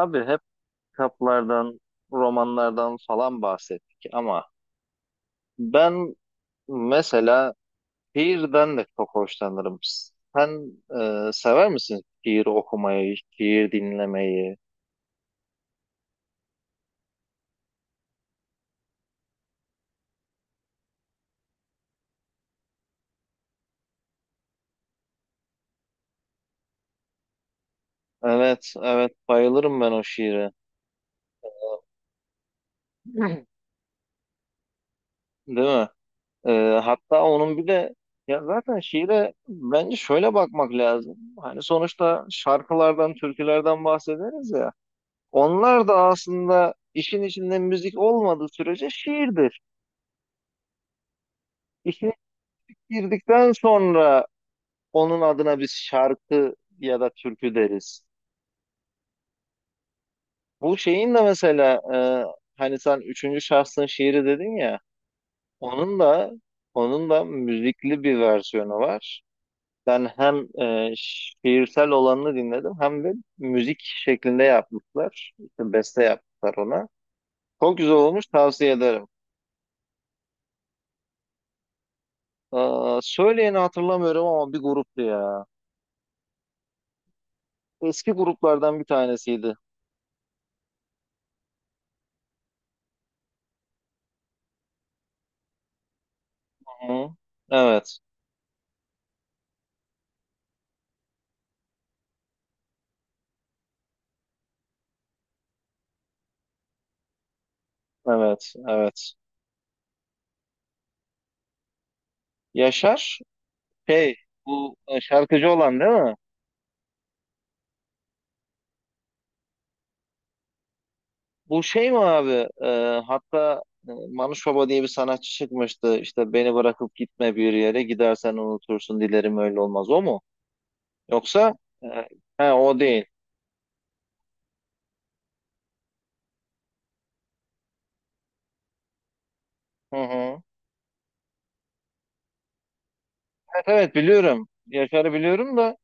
Abi hep kitaplardan, romanlardan falan bahsettik ama ben mesela şiirden de çok hoşlanırım. Sen sever misin şiir okumayı, şiir dinlemeyi? Evet, evet bayılırım ben o şiire. Değil mi? Hatta onun bir de ya zaten şiire bence şöyle bakmak lazım. Hani sonuçta şarkılardan, türkülerden bahsederiz ya. Onlar da aslında işin içinde müzik olmadığı sürece şiirdir. İşe girdikten sonra onun adına biz şarkı ya da türkü deriz. Bu şeyin de mesela hani sen üçüncü şahsın şiiri dedin ya onun da onun da müzikli bir versiyonu var. Ben hem şiirsel olanını dinledim hem de müzik şeklinde yapmışlar. İşte beste yapmışlar ona. Çok güzel olmuş tavsiye ederim. Aa, söyleyeni hatırlamıyorum ama bir gruptu ya. Eski gruplardan bir tanesiydi. Hı. Evet. Evet, evet. Yaşar, şey, bu şarkıcı olan değil mi? Bu şey mi abi? e, hatta Manuş Baba diye bir sanatçı çıkmıştı. İşte beni bırakıp gitme bir yere, gidersen unutursun, dilerim öyle olmaz. O mu? Yoksa e, he, o değil. Hı hı. Evet, evet biliyorum. Yaşar'ı biliyorum da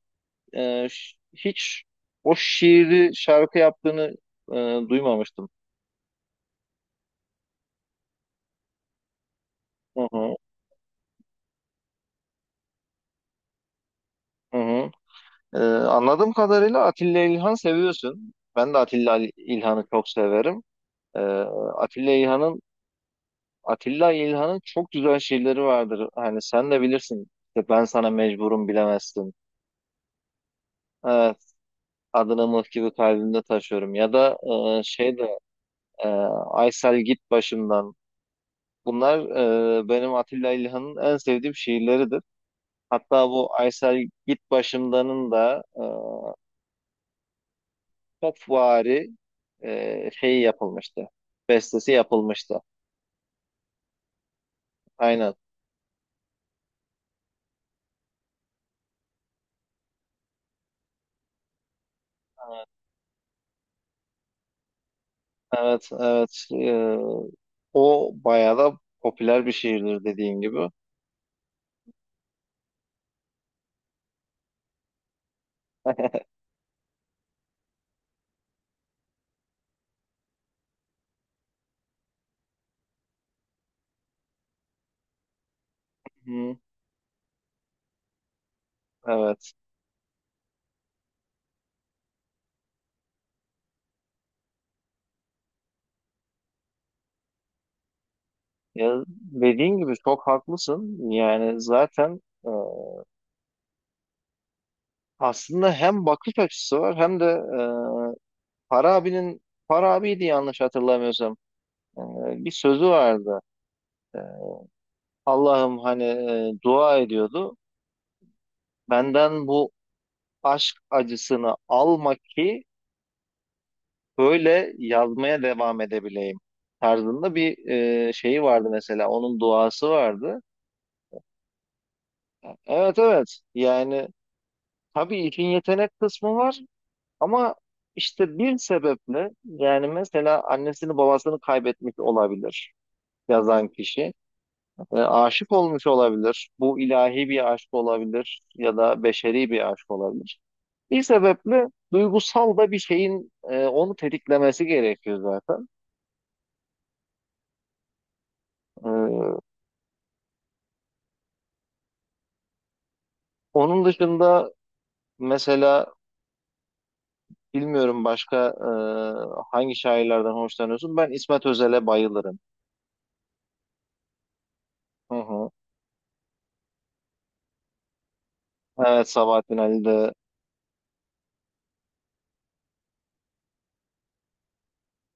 hiç o şiiri şarkı yaptığını e, duymamıştım. Hı hı, hı hı. Anladığım kadarıyla Atilla İlhan seviyorsun. Ben de Atilla İlhan'ı çok severim. Ee, Atilla İlhan'ın Atilla İlhan'ın çok güzel şiirleri vardır. Hani sen de bilirsin. İşte ben sana mecburum bilemezsin. Evet, adını mıh gibi kalbimde taşıyorum. Ya da e, şey de e, Aysel git başımdan. Bunlar benim Atilla İlhan'ın en sevdiğim şiirleridir. Hatta bu Aysel git başımdanın da çok vari şeyi yapılmıştı. Bestesi yapılmıştı. Aynen. Evet, evet. O bayağı da popüler bir şiirdir dediğin gibi. Hı, evet. Ya, dediğin gibi çok haklısın. Yani zaten aslında hem bakış açısı var hem de Farabi'nin Farabi'ydi yanlış hatırlamıyorsam. E, Bir sözü vardı. E, Allah'ım hani dua ediyordu. Benden bu aşk acısını alma ki böyle yazmaya devam edebileyim tarzında bir şeyi vardı mesela onun duası vardı. Evet evet yani tabii işin yetenek kısmı var ama işte bir sebeple yani mesela annesini babasını kaybetmiş olabilir yazan kişi. E, aşık olmuş olabilir. Bu ilahi bir aşk olabilir ya da beşeri bir aşk olabilir. Bir sebeple duygusal da bir şeyin onu tetiklemesi gerekiyor zaten. E, Onun dışında mesela bilmiyorum başka hangi şairlerden hoşlanıyorsun? Ben İsmet Özel'e bayılırım. Hı hı. Evet Sabahattin Ali de.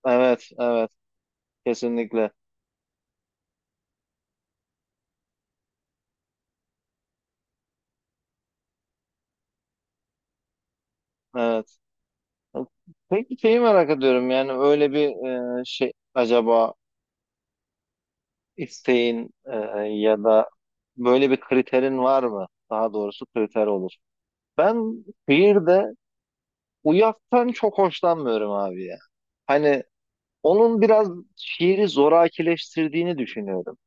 Evet, evet. Kesinlikle. Evet. Peki şeyi merak ediyorum. Yani öyle bir şey acaba isteğin ya da böyle bir kriterin var mı? Daha doğrusu kriter olur. Ben şiirde uyaktan çok hoşlanmıyorum abi ya. Hani onun biraz şiiri zorakileştirdiğini düşünüyorum.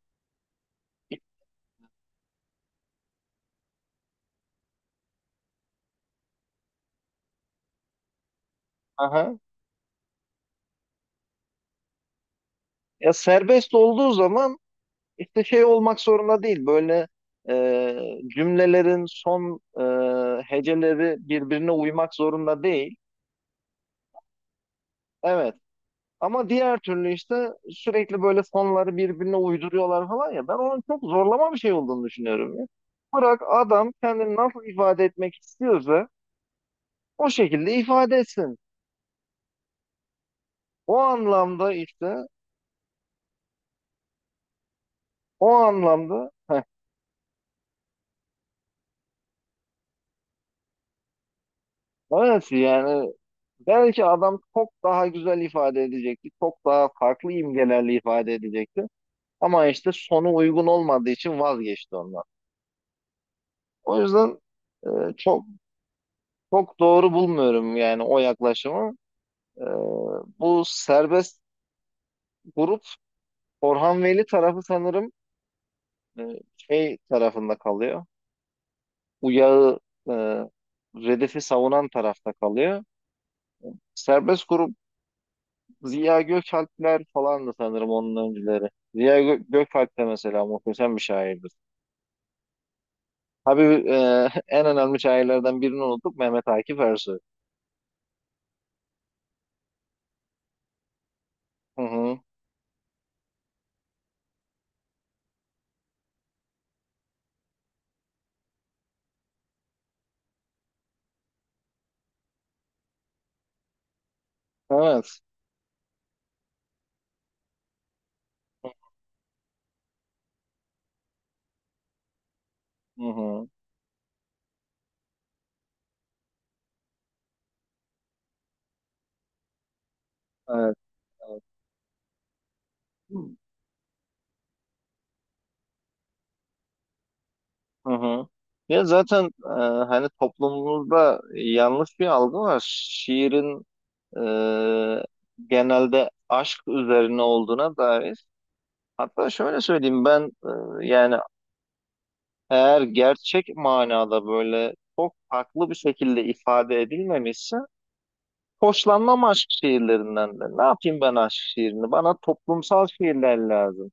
Aha. Ya serbest olduğu zaman işte şey olmak zorunda değil. Böyle cümlelerin son heceleri birbirine uymak zorunda değil. Evet. Ama diğer türlü işte sürekli böyle sonları birbirine uyduruyorlar falan ya. Ben onun çok zorlama bir şey olduğunu düşünüyorum ya. Bırak adam kendini nasıl ifade etmek istiyorsa o şekilde ifade etsin. O anlamda işte O anlamda heh, evet yani belki adam çok daha güzel ifade edecekti. Çok daha farklı imgelerle ifade edecekti. Ama işte sonu uygun olmadığı için vazgeçti ondan. O yüzden e, çok çok doğru bulmuyorum yani o yaklaşımı. E, Bu serbest grup Orhan Veli tarafı sanırım e, şey tarafında kalıyor. Uyağı e, Redef'i savunan tarafta kalıyor. Serbest grup Ziya Gökalpler falan da sanırım onun öncüleri. Gökalp de mesela muhteşem bir şairdir. Tabii en önemli şairlerden birini unuttuk Mehmet Akif Ersoy. Hı hı. Evet. Hı hı. Evet. Evet. Hı hı. Ya zaten hani toplumumuzda yanlış bir algı var. Şiirin e, genelde aşk üzerine olduğuna dair. Hatta şöyle söyleyeyim ben yani eğer gerçek manada böyle çok farklı bir şekilde ifade edilmemişse hoşlanmam aşk şiirlerinden de. Ne yapayım ben aşk şiirini? Bana toplumsal şiirler lazım.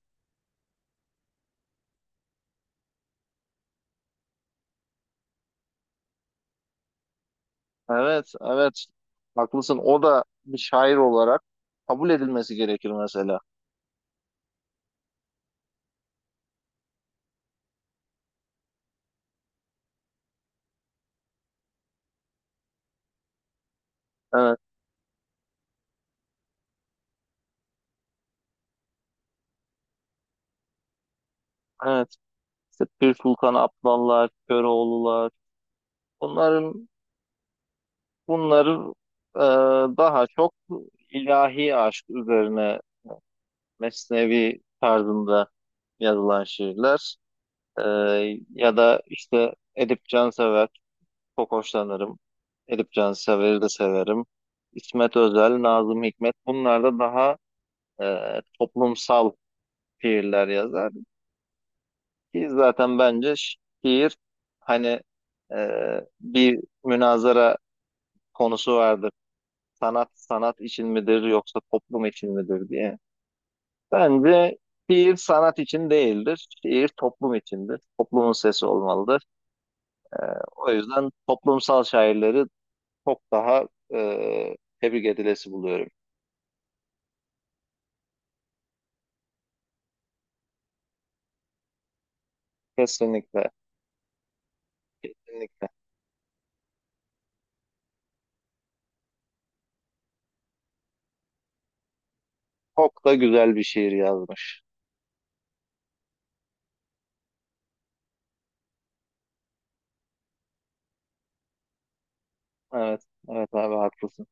Evet, evet. Haklısın. O da bir şair olarak kabul edilmesi gerekir mesela. Evet, evet. İşte Pir Sultan Abdallar, Köroğlular. Bunların bunların e, daha çok ilahi aşk üzerine mesnevi tarzında yazılan şiirler. Ya da işte Edip Cansever çok hoşlanırım. Edip Cansever'i de severim. İsmet Özel, Nazım Hikmet bunlar da daha toplumsal şiirler yazar. Ki zaten bence şiir hani e, bir münazara konusu vardır. Sanat sanat için midir yoksa toplum için midir diye. Bence şiir sanat için değildir. Şiir toplum içindir. Toplumun sesi olmalıdır. O yüzden toplumsal şairleri çok daha tebrik edilesi buluyorum. Kesinlikle, kesinlikle. Çok da güzel bir şiir yazmış. Evet, evet abi haklısın.